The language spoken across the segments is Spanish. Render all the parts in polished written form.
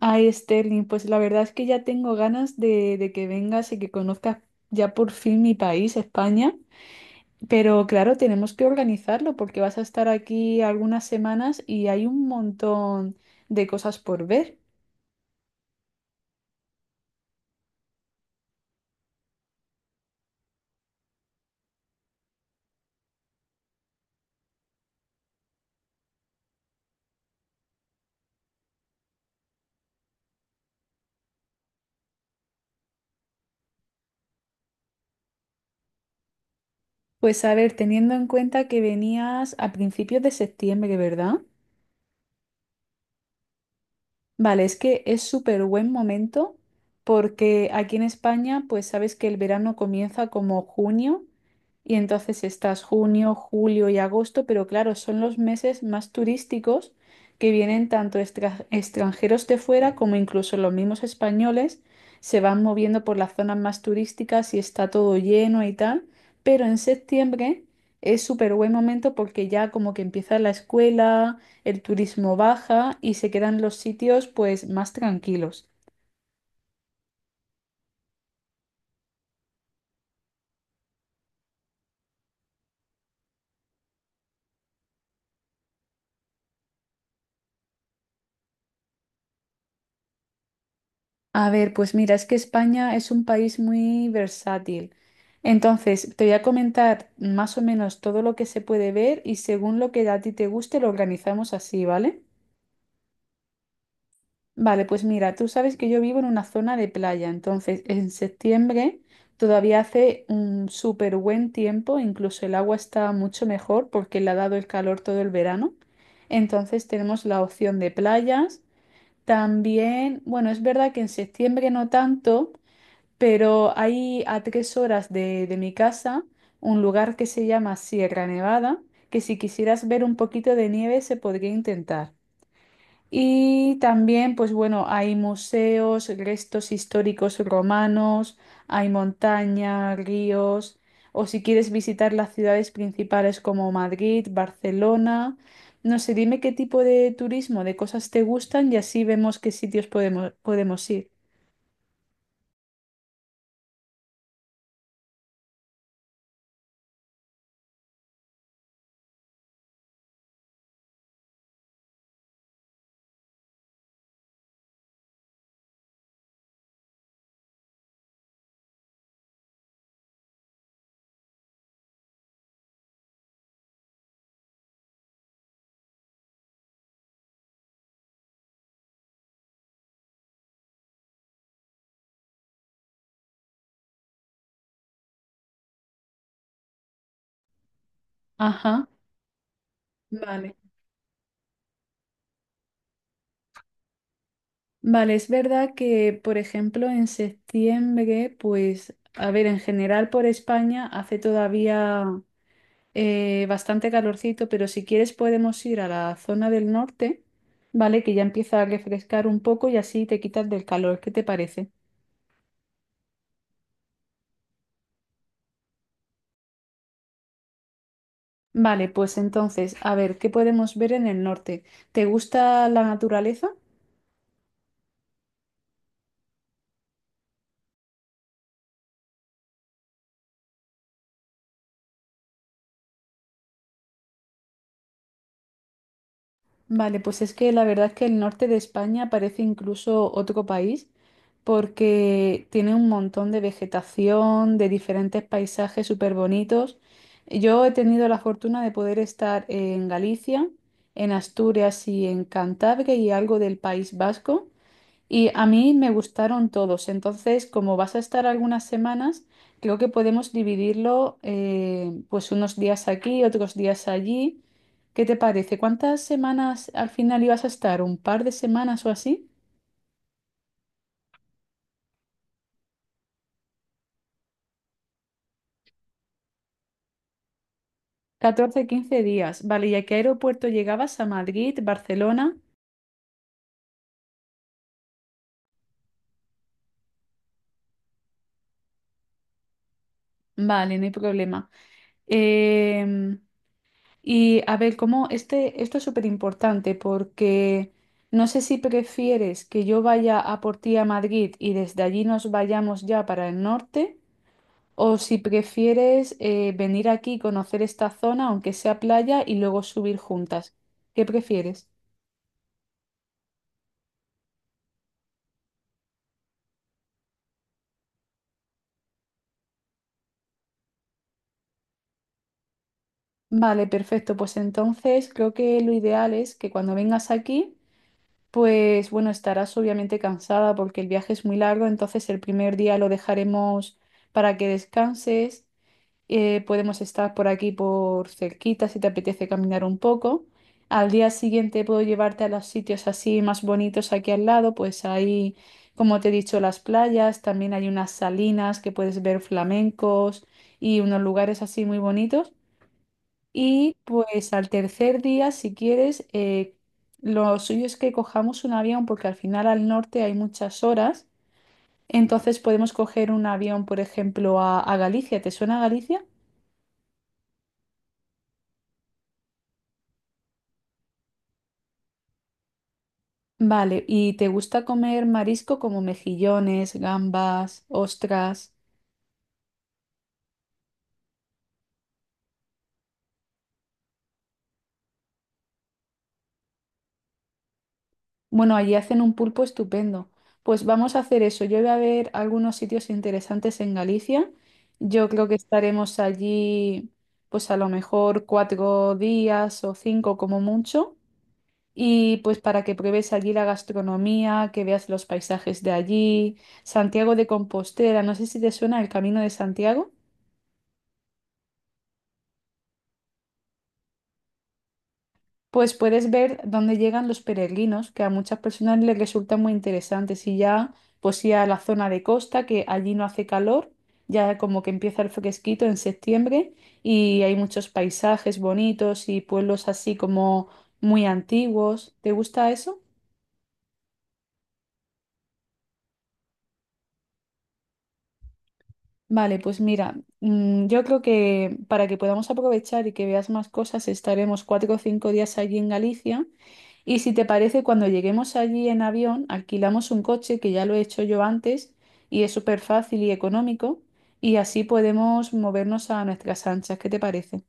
Ay, Sterling, pues la verdad es que ya tengo ganas de que vengas y que conozcas ya por fin mi país, España. Pero claro, tenemos que organizarlo porque vas a estar aquí algunas semanas y hay un montón de cosas por ver. Pues a ver, teniendo en cuenta que venías a principios de septiembre, ¿verdad? Vale, es que es súper buen momento porque aquí en España, pues sabes que el verano comienza como junio y entonces estás junio, julio y agosto, pero claro, son los meses más turísticos que vienen tanto extranjeros de fuera como incluso los mismos españoles se van moviendo por las zonas más turísticas y está todo lleno y tal, pero en septiembre es súper buen momento porque ya como que empieza la escuela, el turismo baja y se quedan los sitios pues más tranquilos. A ver, pues mira, es que España es un país muy versátil. Entonces, te voy a comentar más o menos todo lo que se puede ver y según lo que a ti te guste lo organizamos así, ¿vale? Vale, pues mira, tú sabes que yo vivo en una zona de playa, entonces en septiembre todavía hace un súper buen tiempo, incluso el agua está mucho mejor porque le ha dado el calor todo el verano. Entonces tenemos la opción de playas. También, bueno, es verdad que en septiembre no tanto, pero hay a 3 horas de mi casa un lugar que se llama Sierra Nevada, que si quisieras ver un poquito de nieve se podría intentar. Y también, pues bueno, hay museos, restos históricos romanos, hay montaña, ríos, o si quieres visitar las ciudades principales como Madrid, Barcelona, no sé, dime qué tipo de turismo, de cosas te gustan y así vemos qué sitios podemos ir. Ajá, vale. Vale, es verdad que, por ejemplo, en septiembre, pues, a ver, en general por España hace todavía bastante calorcito, pero si quieres podemos ir a la zona del norte, ¿vale? Que ya empieza a refrescar un poco y así te quitas del calor. ¿Qué te parece? Vale, pues entonces, a ver, ¿qué podemos ver en el norte? ¿Te gusta la naturaleza? Vale, pues es que la verdad es que el norte de España parece incluso otro país porque tiene un montón de vegetación, de diferentes paisajes súper bonitos. Yo he tenido la fortuna de poder estar en Galicia, en Asturias y en Cantabria y algo del País Vasco. Y a mí me gustaron todos. Entonces, como vas a estar algunas semanas, creo que podemos dividirlo, pues unos días aquí, otros días allí. ¿Qué te parece? ¿Cuántas semanas al final ibas a estar? ¿Un par de semanas o así? 14, 15 días. Vale, ¿y a qué aeropuerto llegabas? ¿A Madrid, Barcelona? Vale, no hay problema. Em, Y a ver, cómo este, esto es súper importante porque no sé si prefieres que yo vaya a por ti a Madrid y desde allí nos vayamos ya para el norte, o si prefieres venir aquí, conocer esta zona, aunque sea playa, y luego subir juntas. ¿Qué prefieres? Vale, perfecto. Pues entonces creo que lo ideal es que cuando vengas aquí, pues bueno, estarás obviamente cansada porque el viaje es muy largo, entonces el primer día lo dejaremos para que descanses. Podemos estar por aquí por cerquita si te apetece caminar un poco. Al día siguiente puedo llevarte a los sitios así más bonitos aquí al lado, pues ahí, como te he dicho, las playas, también hay unas salinas que puedes ver flamencos y unos lugares así muy bonitos. Y pues al tercer día, si quieres, lo suyo es que cojamos un avión porque al final al norte hay muchas horas. Entonces podemos coger un avión, por ejemplo, a Galicia. ¿Te suena Galicia? Vale, ¿y te gusta comer marisco como mejillones, gambas, ostras? Bueno, allí hacen un pulpo estupendo. Pues vamos a hacer eso. Yo voy a ver algunos sitios interesantes en Galicia. Yo creo que estaremos allí, pues a lo mejor 4 días o 5 como mucho. Y pues para que pruebes allí la gastronomía, que veas los paisajes de allí, Santiago de Compostela, no sé si te suena el Camino de Santiago. Pues puedes ver dónde llegan los peregrinos, que a muchas personas les resulta muy interesante. Si ya, pues ir a la zona de costa, que allí no hace calor, ya como que empieza el fresquito en septiembre y hay muchos paisajes bonitos y pueblos así como muy antiguos. ¿Te gusta eso? Vale, pues mira, yo creo que para que podamos aprovechar y que veas más cosas, estaremos 4 o 5 días allí en Galicia. Y si te parece, cuando lleguemos allí en avión, alquilamos un coche, que ya lo he hecho yo antes, y es súper fácil y económico, y así podemos movernos a nuestras anchas. ¿Qué te parece?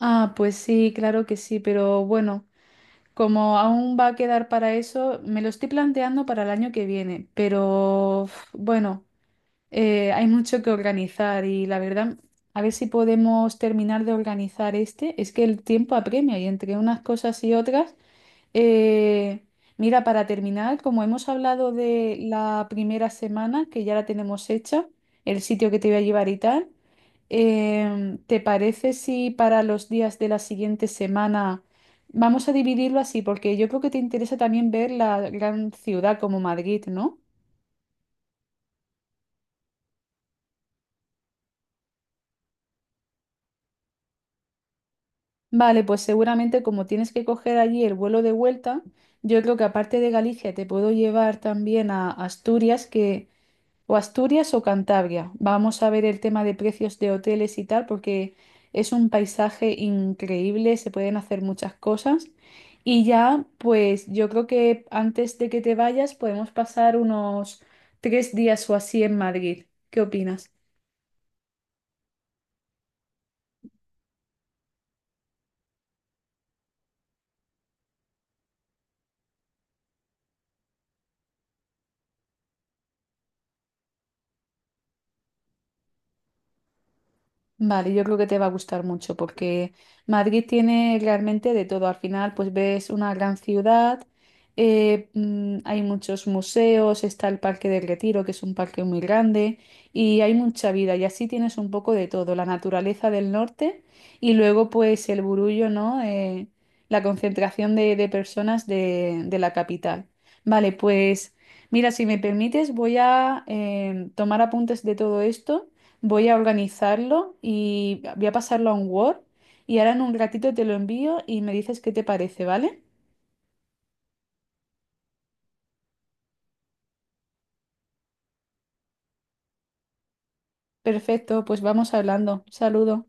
Ah, pues sí, claro que sí, pero bueno, como aún va a quedar para eso, me lo estoy planteando para el año que viene, pero uf, bueno, hay mucho que organizar y la verdad, a ver si podemos terminar de organizar este, es que el tiempo apremia y entre unas cosas y otras. Eh, Mira, para terminar, como hemos hablado de la primera semana, que ya la tenemos hecha, el sitio que te voy a llevar y tal, ¿te parece si para los días de la siguiente semana vamos a dividirlo así? Porque yo creo que te interesa también ver la gran ciudad como Madrid, ¿no? Vale, pues seguramente como tienes que coger allí el vuelo de vuelta, yo creo que aparte de Galicia te puedo llevar también a Asturias, que... O Asturias o Cantabria. Vamos a ver el tema de precios de hoteles y tal, porque es un paisaje increíble, se pueden hacer muchas cosas. Y ya, pues yo creo que antes de que te vayas podemos pasar unos 3 días o así en Madrid. ¿Qué opinas? Vale, yo creo que te va a gustar mucho porque Madrid tiene realmente de todo. Al final, pues ves una gran ciudad, hay muchos museos, está el Parque del Retiro, que es un parque muy grande, y hay mucha vida. Y así tienes un poco de todo, la naturaleza del norte y luego pues el burullo, ¿no? La concentración de personas de la capital. Vale, pues mira, si me permites, voy a tomar apuntes de todo esto. Voy a organizarlo y voy a pasarlo a un Word y ahora en un ratito te lo envío y me dices qué te parece, ¿vale? Perfecto, pues vamos hablando. Saludos.